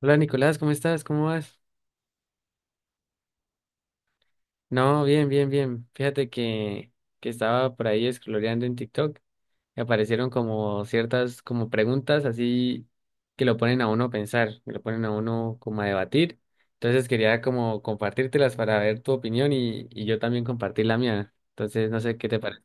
Hola Nicolás, ¿cómo estás? ¿Cómo vas? No, bien, bien, bien. Fíjate que estaba por ahí scrolleando en TikTok y aparecieron como ciertas como preguntas así que lo ponen a uno a pensar, que lo ponen a uno como a debatir. Entonces quería como compartírtelas para ver tu opinión y yo también compartir la mía. Entonces no sé qué te parece.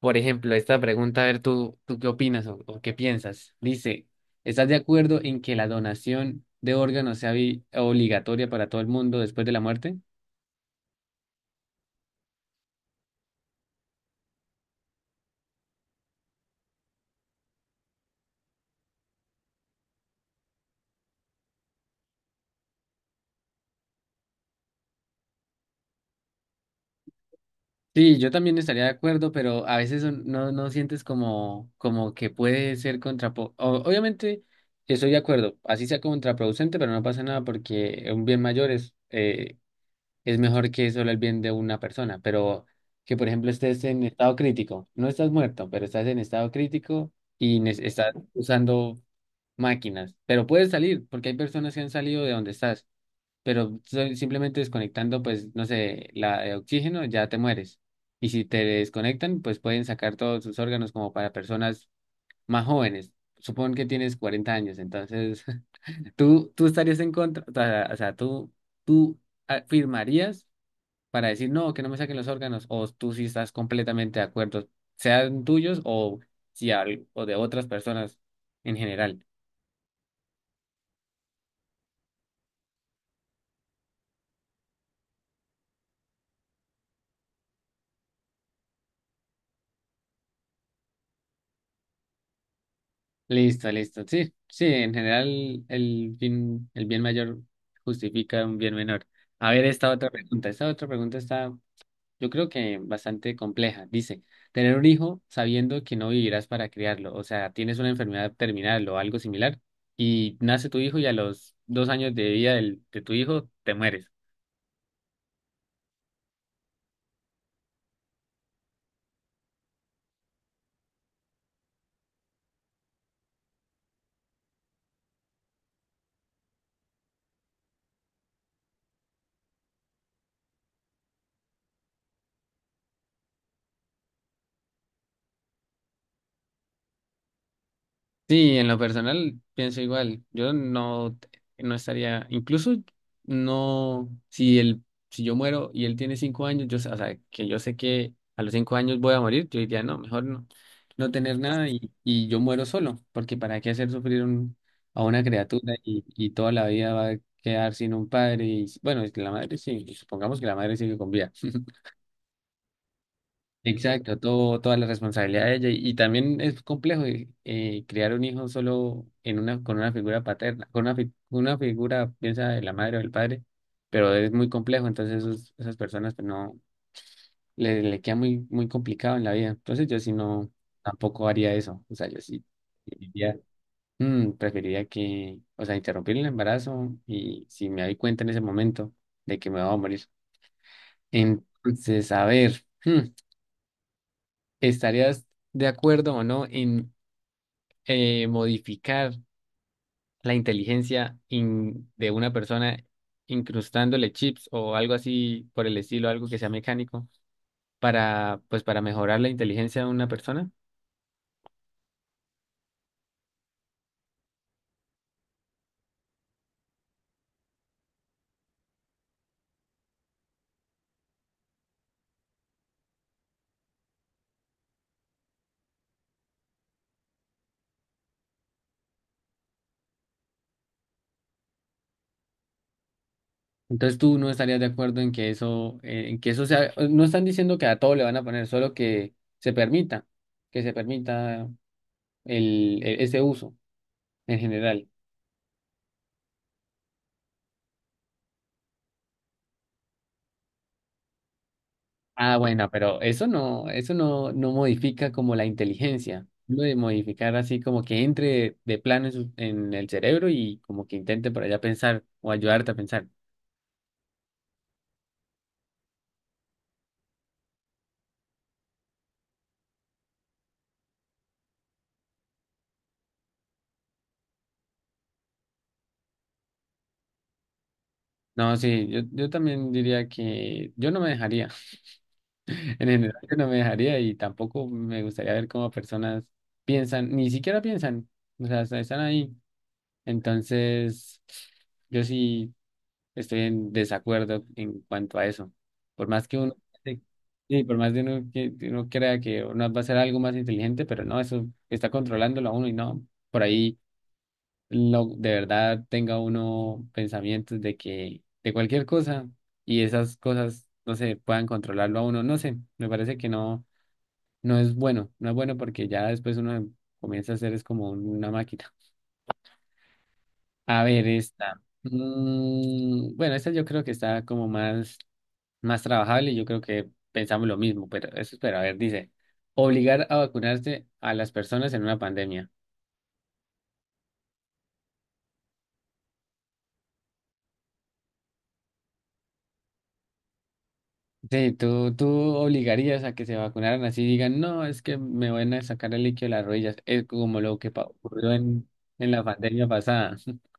Por ejemplo, esta pregunta, a ver tú qué opinas o qué piensas. Dice, ¿estás de acuerdo en que la donación de órganos sea obligatoria para todo el mundo después de la muerte? Sí, yo también estaría de acuerdo, pero a veces no sientes como que puede ser obviamente estoy de acuerdo, así sea contraproducente, pero no pasa nada porque un bien mayor es mejor que solo el bien de una persona. Pero que, por ejemplo, estés en estado crítico, no estás muerto, pero estás en estado crítico y estás usando máquinas, pero puedes salir porque hay personas que han salido de donde estás, pero simplemente desconectando, pues, no sé, la de oxígeno, ya te mueres. Y si te desconectan, pues pueden sacar todos sus órganos como para personas más jóvenes. Supón que tienes 40 años. Entonces, tú estarías en contra, o sea, tú firmarías para decir, no, que no me saquen los órganos, o tú sí estás completamente de acuerdo, sean tuyos, o si al- o de otras personas en general. Listo, listo. Sí, sí, en general el bien mayor justifica un bien menor. A ver, esta otra pregunta. Esta otra pregunta está, yo creo, que bastante compleja. Dice, tener un hijo sabiendo que no vivirás para criarlo, o sea, tienes una enfermedad terminal o algo similar, y nace tu hijo y a los dos años de vida de tu hijo te mueres. Sí, en lo personal pienso igual. Yo no estaría. Incluso no, si él, si yo muero y él tiene cinco años, o sea, que yo sé que a los cinco años voy a morir, yo diría, no, mejor no, no tener nada, y yo muero solo, porque para qué hacer sufrir a una criatura y toda la vida va a quedar sin un padre. Y, bueno, es que la madre sí, supongamos que la madre sigue con vida. Exacto, toda la responsabilidad de ella. Y también es complejo, criar un hijo solo en una, con una figura paterna, con una figura, piensa, de la madre o del padre, pero es muy complejo. Entonces esas personas, pues, no le queda muy, muy complicado en la vida. Entonces yo sí no, tampoco haría eso. O sea, yo sí diría, preferiría que, o sea, interrumpir el embarazo, y si me doy cuenta en ese momento de que me voy a morir. Entonces, a ver. ¿Estarías de acuerdo o no en, modificar la inteligencia de una persona incrustándole chips o algo así por el estilo, algo que sea mecánico, para, mejorar la inteligencia de una persona? Entonces tú no estarías de acuerdo en que eso sea, no están diciendo que a todo le van a poner, solo que se permita, que se permita, ese uso en general. Ah, bueno, pero eso no modifica como la inteligencia. Lo de modificar así como que entre de plano en el cerebro y como que intente por allá pensar o ayudarte a pensar. No, sí, yo también diría que yo no me dejaría. En general, yo no me dejaría y tampoco me gustaría ver cómo personas piensan, ni siquiera piensan, o sea, hasta están ahí. Entonces, yo sí. Estoy en desacuerdo en cuanto a eso. Por más que uno, sí, sí, por más de uno que uno crea que uno va a ser algo más inteligente, pero no, eso está controlándolo a uno y no, por ahí lo, de verdad tenga uno pensamientos de cualquier cosa, y esas cosas, no sé, puedan controlarlo a uno, no sé, me parece que no es bueno, no es bueno, porque ya después uno comienza a ser es como una máquina. A ver esta. Bueno, esta yo creo que está como más trabajable y yo creo que pensamos lo mismo, pero eso espera, a ver, dice, obligar a vacunarse a las personas en una pandemia. Sí, tú obligarías a que se vacunaran, así digan, no, es que me van a sacar el líquido de las rodillas. Es como lo que ocurrió en, la pandemia pasada.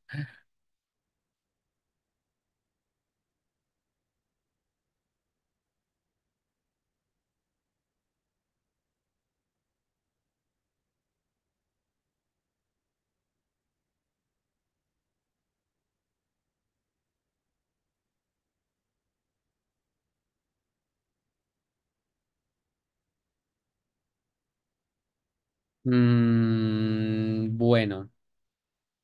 Bueno,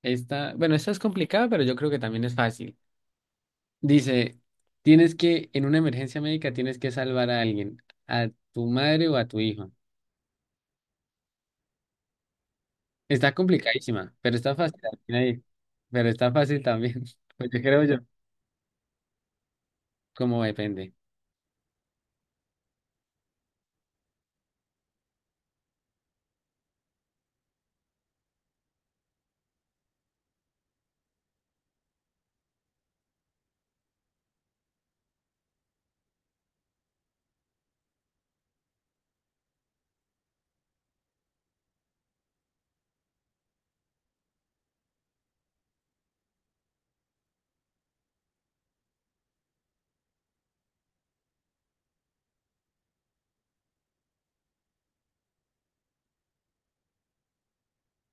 esta es complicada, pero yo creo que también es fácil. Dice, tienes que, en una emergencia médica, tienes que salvar a alguien, a tu madre o a tu hijo. Está complicadísima, pero está fácil también ahí. Pero está fácil también. Pues yo creo yo, como depende.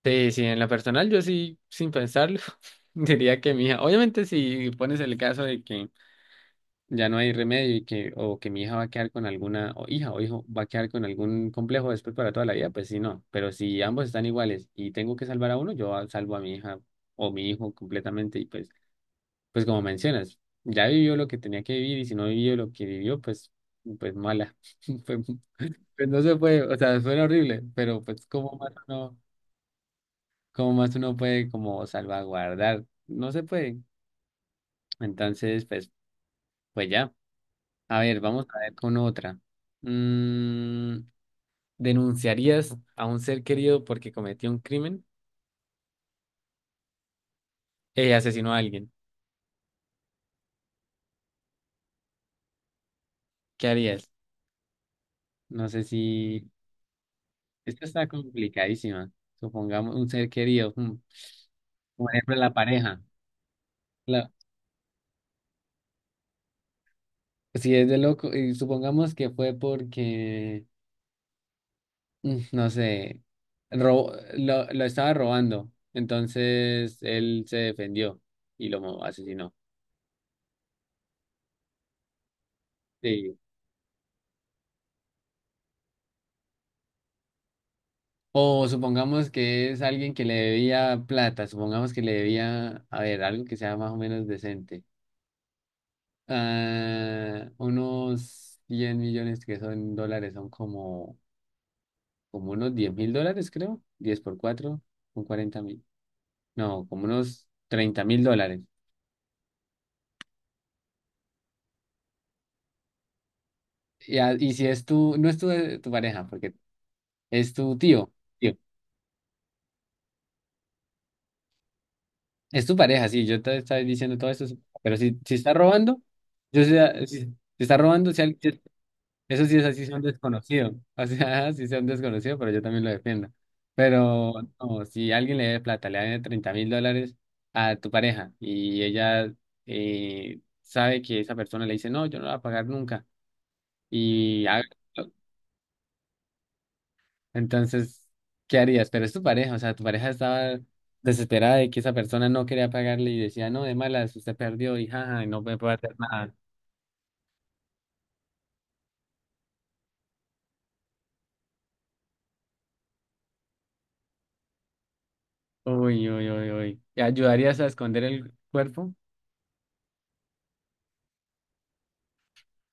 Sí, sí, en lo personal yo sí, sin pensarlo, diría que mi hija, obviamente si pones el caso de que ya no hay remedio y que, o que mi hija va a quedar con o hija o hijo va a quedar con algún complejo después para toda la vida, pues sí, no. Pero si ambos están iguales y tengo que salvar a uno, yo salvo a mi hija o mi hijo completamente, y pues como mencionas, ya vivió lo que tenía que vivir, y si no vivió lo que vivió, pues mala. Pues, pues no se puede, o sea, suena horrible, pero pues cómo más uno, puede como salvaguardar, no se puede. Entonces, pues ya. A ver, vamos a ver con otra. Mm, ¿Denunciarías a un ser querido porque cometió un crimen? Asesinó a alguien. ¿Qué harías? No sé si... Esta está complicadísima. Supongamos un ser querido, por ejemplo, la pareja. Claro, si es de loco, y supongamos que fue porque, no sé, ro- lo estaba robando, entonces él se defendió y lo asesinó. Sí. O supongamos que es alguien que le debía plata, supongamos que le debía, a ver, algo que sea más o menos decente. Ah, unos 100 millones, que son dólares, son como unos 10 mil dólares, creo, 10 por 4 son 40 mil, no, como unos 30 mil dólares. Y si no es tu pareja, porque es tu tío, tío. Es tu pareja, sí, yo te estaba diciendo todo eso, pero si está robando, yo sea, si está robando, eso sí es así, sea un desconocido, o sea, si sea un desconocido, pero yo también lo defiendo. Pero no, si alguien le debe plata, le debe 30 mil dólares a tu pareja y ella, sabe que esa persona le dice, no, yo no la voy a pagar nunca, y, ha- entonces, ¿qué harías? Pero es tu pareja, o sea, tu pareja estaba desesperada de que esa persona no quería pagarle y decía, no, de malas, usted perdió y jaja, y no me puede hacer nada. Uy, uy, uy, uy. ¿Ayudarías a esconder el cuerpo?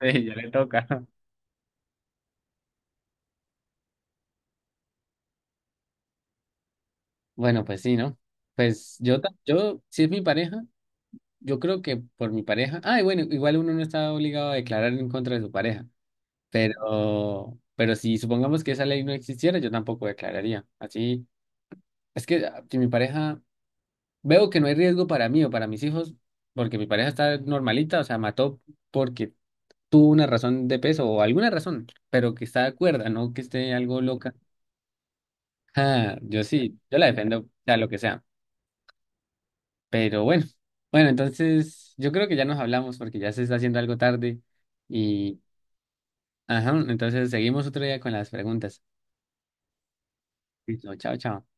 Sí, ya le toca. Bueno, pues sí, ¿no? Pues yo, si es mi pareja, yo creo que por mi pareja. Ay, bueno, igual uno no está obligado a declarar en contra de su pareja, pero si supongamos que esa ley no existiera, yo tampoco declararía. Así, es que si mi pareja, veo que no hay riesgo para mí o para mis hijos, porque mi pareja está normalita, o sea, mató porque tuvo una razón de peso o alguna razón, pero que está de acuerdo, no que esté algo loca. Ah, yo sí, yo la defiendo sea lo que sea. Pero bueno, entonces yo creo que ya nos hablamos porque ya se está haciendo algo tarde y, ajá, entonces seguimos otro día con las preguntas. Listo, chao, chao.